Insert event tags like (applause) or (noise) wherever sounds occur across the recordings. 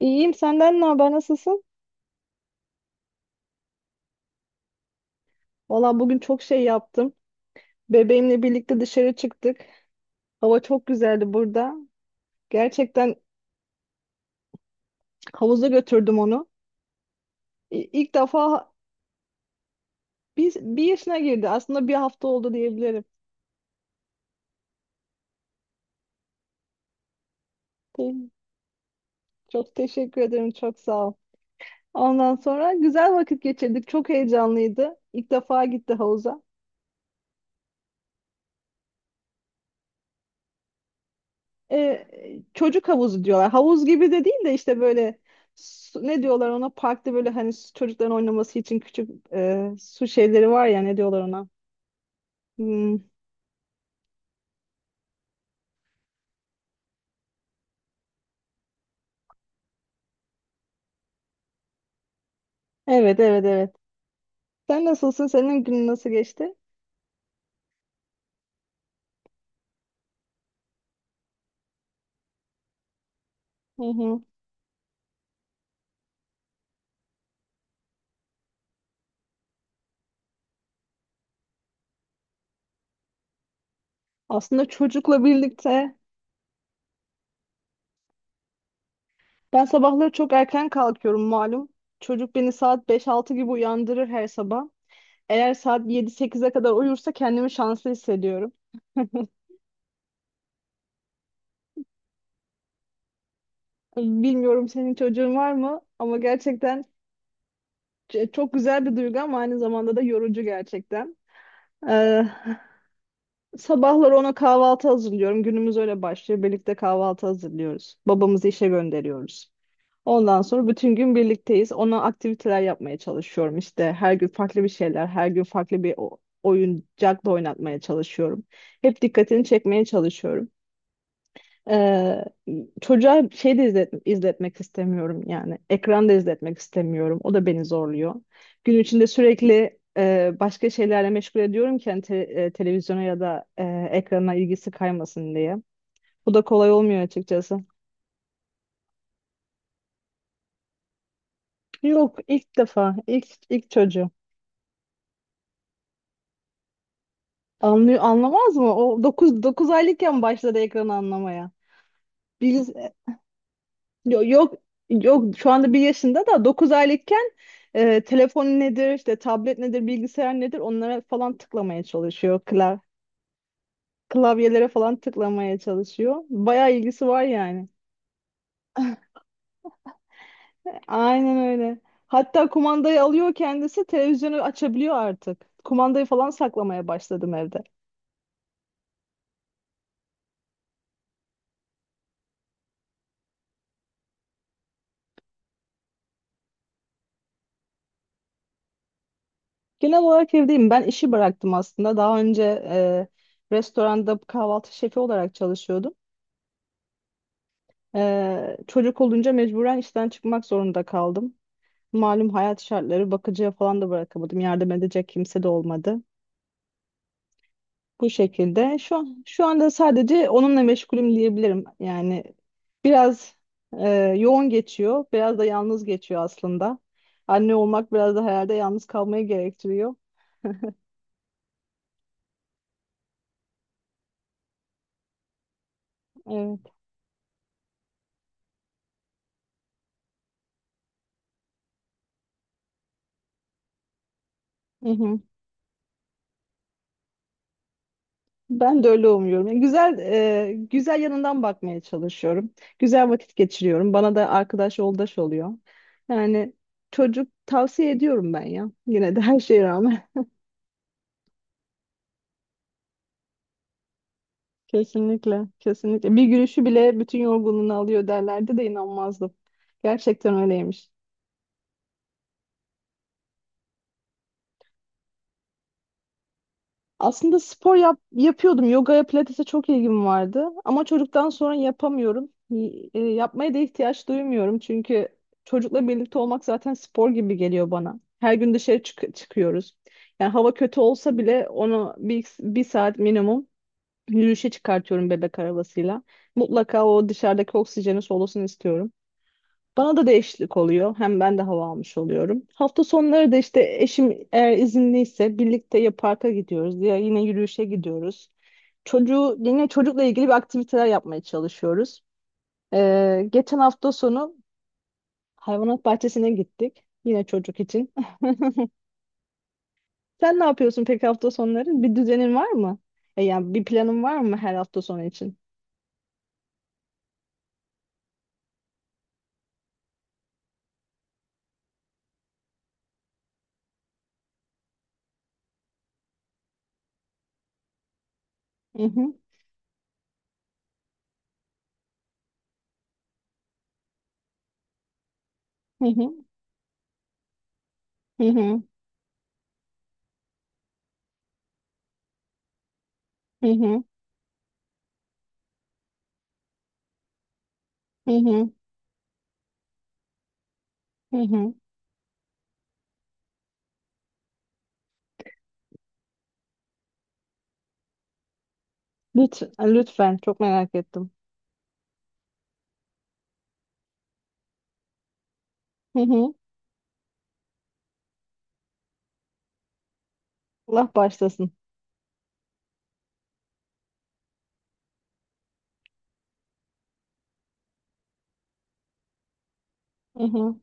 İyiyim, senden ne haber, nasılsın? Valla bugün çok şey yaptım. Bebeğimle birlikte dışarı çıktık. Hava çok güzeldi burada. Gerçekten havuza götürdüm onu. İlk defa bir yaşına girdi. Aslında bir hafta oldu diyebilirim. Te- Çok teşekkür ederim. Çok sağ ol. Ondan sonra güzel vakit geçirdik. Çok heyecanlıydı. İlk defa gitti havuza. e, Çocuk havuzu diyorlar. Havuz gibi de değil de işte böyle ne diyorlar ona, parkta böyle hani çocukların oynaması için küçük su şeyleri var ya, ne diyorlar ona. Hmm, Evet, evet, evet. Sen nasılsın? Senin günün nasıl geçti? Hı hı. Aslında çocukla birlikte ben sabahları çok erken kalkıyorum malum. Çocuk beni saat beş altı gibi uyandırır her sabah. Eğer saat yedi sekize kadar uyursa kendimi şanslı hissediyorum. Bilmiyorum senin çocuğun var mı, ama gerçekten çok güzel bir duygu ama aynı zamanda da yorucu gerçekten. Ee, Sabahları ona kahvaltı hazırlıyorum. Günümüz öyle başlıyor. Birlikte kahvaltı hazırlıyoruz. Babamızı işe gönderiyoruz. Ondan sonra bütün gün birlikteyiz. Ona aktiviteler yapmaya çalışıyorum. İşte her gün farklı bir şeyler, her gün farklı bir oyuncakla oynatmaya çalışıyorum. Hep dikkatini çekmeye çalışıyorum. Ee, Çocuğa şey de izletmek istemiyorum yani. Ekran izletmek istemiyorum. O da beni zorluyor. Gün içinde sürekli başka şeylerle meşgul ediyorum ki hani televizyona ya da ekrana ilgisi kaymasın diye. Bu da kolay olmuyor açıkçası. Yok, ilk defa, ilk çocuğu. Anlıyor, anlamaz mı? O 9 aylıkken başladı ekranı anlamaya. Yok, yok, şu anda bir yaşında da 9 aylıkken telefon nedir, işte tablet nedir, bilgisayar nedir, onlara falan tıklamaya çalışıyor, klavyelere falan tıklamaya çalışıyor. Bayağı ilgisi var yani. Aynen öyle. Hatta kumandayı alıyor, kendisi televizyonu açabiliyor artık. Kumandayı falan saklamaya başladım evde. Genel olarak evdeyim. Ben işi bıraktım aslında. Daha önce e, restoranda kahvaltı şefi olarak çalışıyordum. Çocuk olunca mecburen işten çıkmak zorunda kaldım. Malum hayat şartları, bakıcıya falan da bırakamadım. Yardım edecek kimse de olmadı. Bu şekilde şu anda sadece onunla meşgulüm diyebilirim. Yani biraz e, yoğun geçiyor, biraz da yalnız geçiyor aslında. Anne olmak biraz da herhalde yalnız kalmayı gerektiriyor. Evet. Hı hı. Ben de öyle umuyorum. Yani güzel yanından bakmaya çalışıyorum. Güzel vakit geçiriyorum. Bana da arkadaş yoldaş oluyor. Yani çocuk tavsiye ediyorum ben ya. Yine de her şeye rağmen. Kesinlikle, kesinlikle. Bir gülüşü bile bütün yorgunluğunu alıyor derlerdi de inanmazdım. Gerçekten öyleymiş. Aslında spor yap yapıyordum. Yogaya, pilatese çok ilgim vardı. Ama çocuktan sonra yapamıyorum. Yapmaya da ihtiyaç duymuyorum. Çünkü çocukla birlikte olmak zaten spor gibi geliyor bana. Her gün dışarı çıkıyoruz. Yani hava kötü olsa bile onu bir saat minimum yürüyüşe çıkartıyorum bebek arabasıyla. Mutlaka o dışarıdaki oksijeni solusun istiyorum. Bana da değişiklik oluyor. Hem ben de hava almış oluyorum. Hafta sonları da işte eşim eğer izinliyse birlikte ya parka gidiyoruz ya yine yürüyüşe gidiyoruz. Çocuğu yine çocukla ilgili bir aktiviteler yapmaya çalışıyoruz. Geçen hafta sonu hayvanat bahçesine gittik. Yine çocuk için. (laughs) Sen ne yapıyorsun peki hafta sonları? Bir düzenin var mı? Yani bir planın var mı her hafta sonu için? Hı hı, hı hı, hı hı, hı hı, hı hı. Hı hı. Lütfen, lütfen, çok merak ettim. Allah başlasın. Hı hı,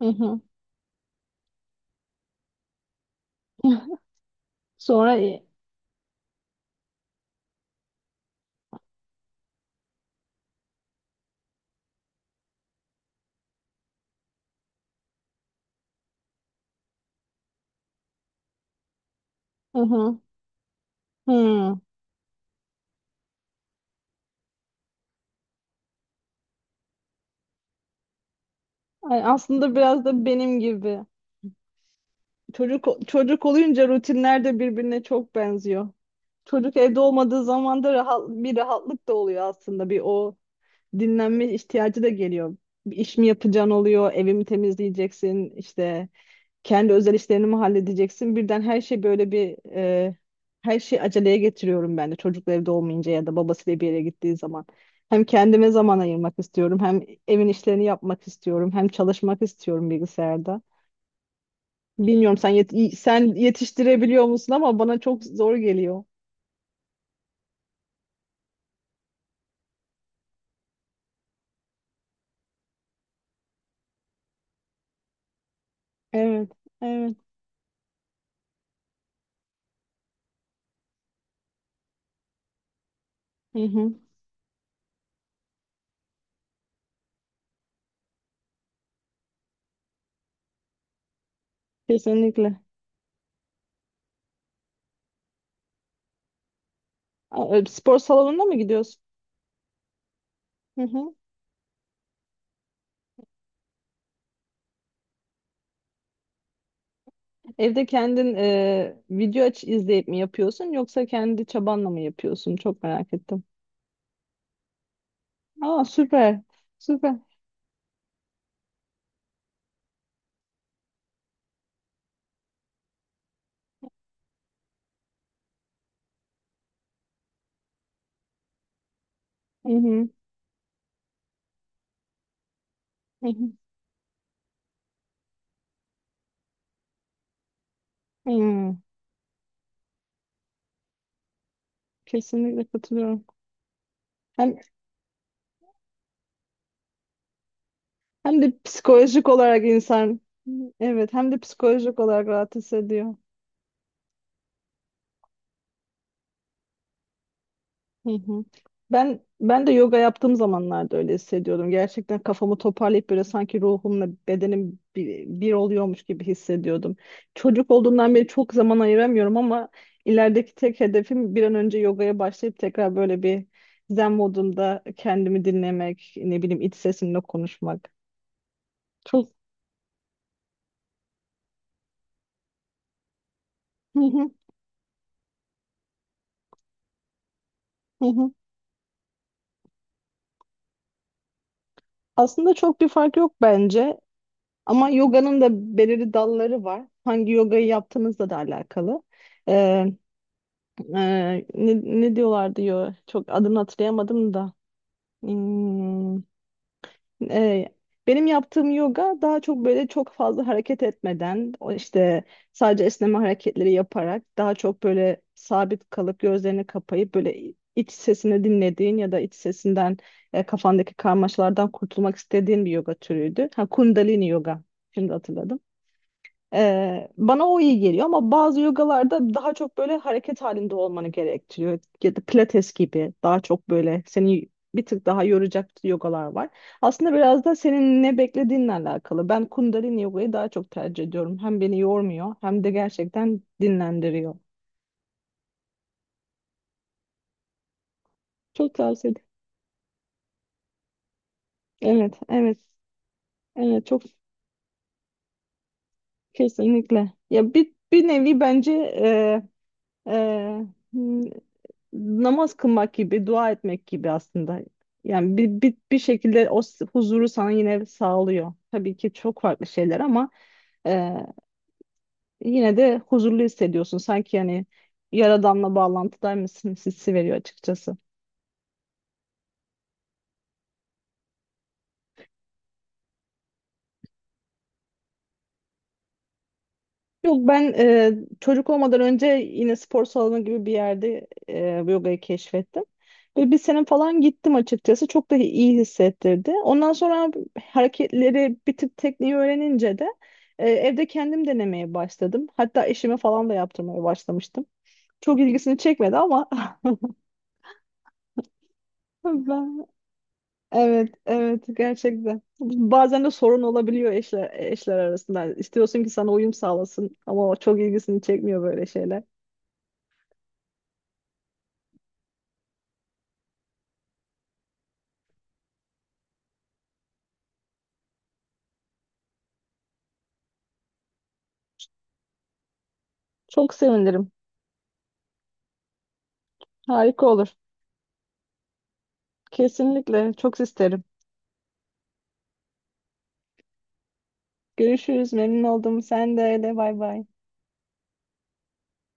hı hı. (laughs) Sonra, hı hı, hı. Ay, aslında biraz da benim gibi. Çocuk olunca rutinler de birbirine çok benziyor. Çocuk evde olmadığı zaman da bir rahatlık da oluyor aslında. Bir o dinlenme ihtiyacı da geliyor. Bir iş mi yapacaksın oluyor, evimi temizleyeceksin, işte kendi özel işlerini mi halledeceksin? Birden her şey böyle her şey aceleye getiriyorum ben de çocukla evde olmayınca ya da babasıyla bir yere gittiği zaman. Hem kendime zaman ayırmak istiyorum, hem evin işlerini yapmak istiyorum, hem çalışmak istiyorum bilgisayarda. Bilmiyorum sen yetiştirebiliyor musun, ama bana çok zor geliyor. Evet, evet. Hı hı. Kesinlikle. Spor salonuna mı gidiyorsun? Hı hı. Evde kendin video aç izleyip mi yapıyorsun yoksa kendi çabanla mı yapıyorsun? Çok merak ettim. Aa, süper. Süper. Hı hı, hı hı, hı. Kesinlikle katılıyorum. Hem hem de psikolojik olarak insan, evet, hem de psikolojik olarak rahat hissediyor. Hı hı. Ben de yoga yaptığım zamanlarda öyle hissediyordum. Gerçekten kafamı toparlayıp böyle sanki ruhumla bedenim bir oluyormuş gibi hissediyordum. Çocuk olduğumdan beri çok zaman ayıramıyorum, ama ilerideki tek hedefim bir an önce yogaya başlayıp tekrar böyle bir zen modunda kendimi dinlemek, ne bileyim iç sesimle konuşmak. Çok Hı hı, hı hı. Aslında çok bir fark yok bence, ama yoganın da belirli dalları var. Hangi yogayı yaptığınızla da alakalı. Ne diyorlar diyor. Çok adını hatırlayamadım da. Hmm, e, Benim yaptığım yoga daha çok böyle çok fazla hareket etmeden, o işte sadece esneme hareketleri yaparak daha çok böyle sabit kalıp gözlerini kapayıp böyle iç sesini dinlediğin ya da iç sesinden kafandaki karmaşalardan kurtulmak istediğin bir yoga türüydü. Ha, Kundalini yoga. Şimdi hatırladım. Bana o iyi geliyor ama bazı yogalarda daha çok böyle hareket halinde olmanı gerektiriyor. Ya da pilates gibi daha çok böyle seni bir tık daha yoracak yogalar var. Aslında biraz da senin ne beklediğinle alakalı. Ben Kundalini yogayı daha çok tercih ediyorum. Hem beni yormuyor hem de gerçekten dinlendiriyor. Çok tavsiye ederim. Evet, evet, evet, çok kesinlikle. Ya bir nevi bence e, e, namaz kılmak gibi, dua etmek gibi aslında. Yani bir şekilde o huzuru sana yine sağlıyor. Tabii ki çok farklı şeyler ama e, yine de huzurlu hissediyorsun. Sanki yani Yaradan'la bağlantıdaymışsın hissi veriyor açıkçası. Yok, ben çocuk olmadan önce yine spor salonu gibi bir yerde yogayı keşfettim. Ve bir sene falan gittim açıkçası. Çok da iyi hissettirdi. Ondan sonra hareketleri bir tık tekniği öğrenince de evde kendim denemeye başladım. Hatta eşime falan da yaptırmaya başlamıştım. Çok ilgisini çekmedi ama. (laughs) ben evet, evet, gerçekten. Bazen de sorun olabiliyor eşler arasında. İstiyorsun ki sana uyum sağlasın ama o çok ilgisini çekmiyor böyle şeyler. Çok sevinirim. Harika olur. Kesinlikle. Çok isterim. Görüşürüz. Memnun oldum. Sen de öyle. Bay bay.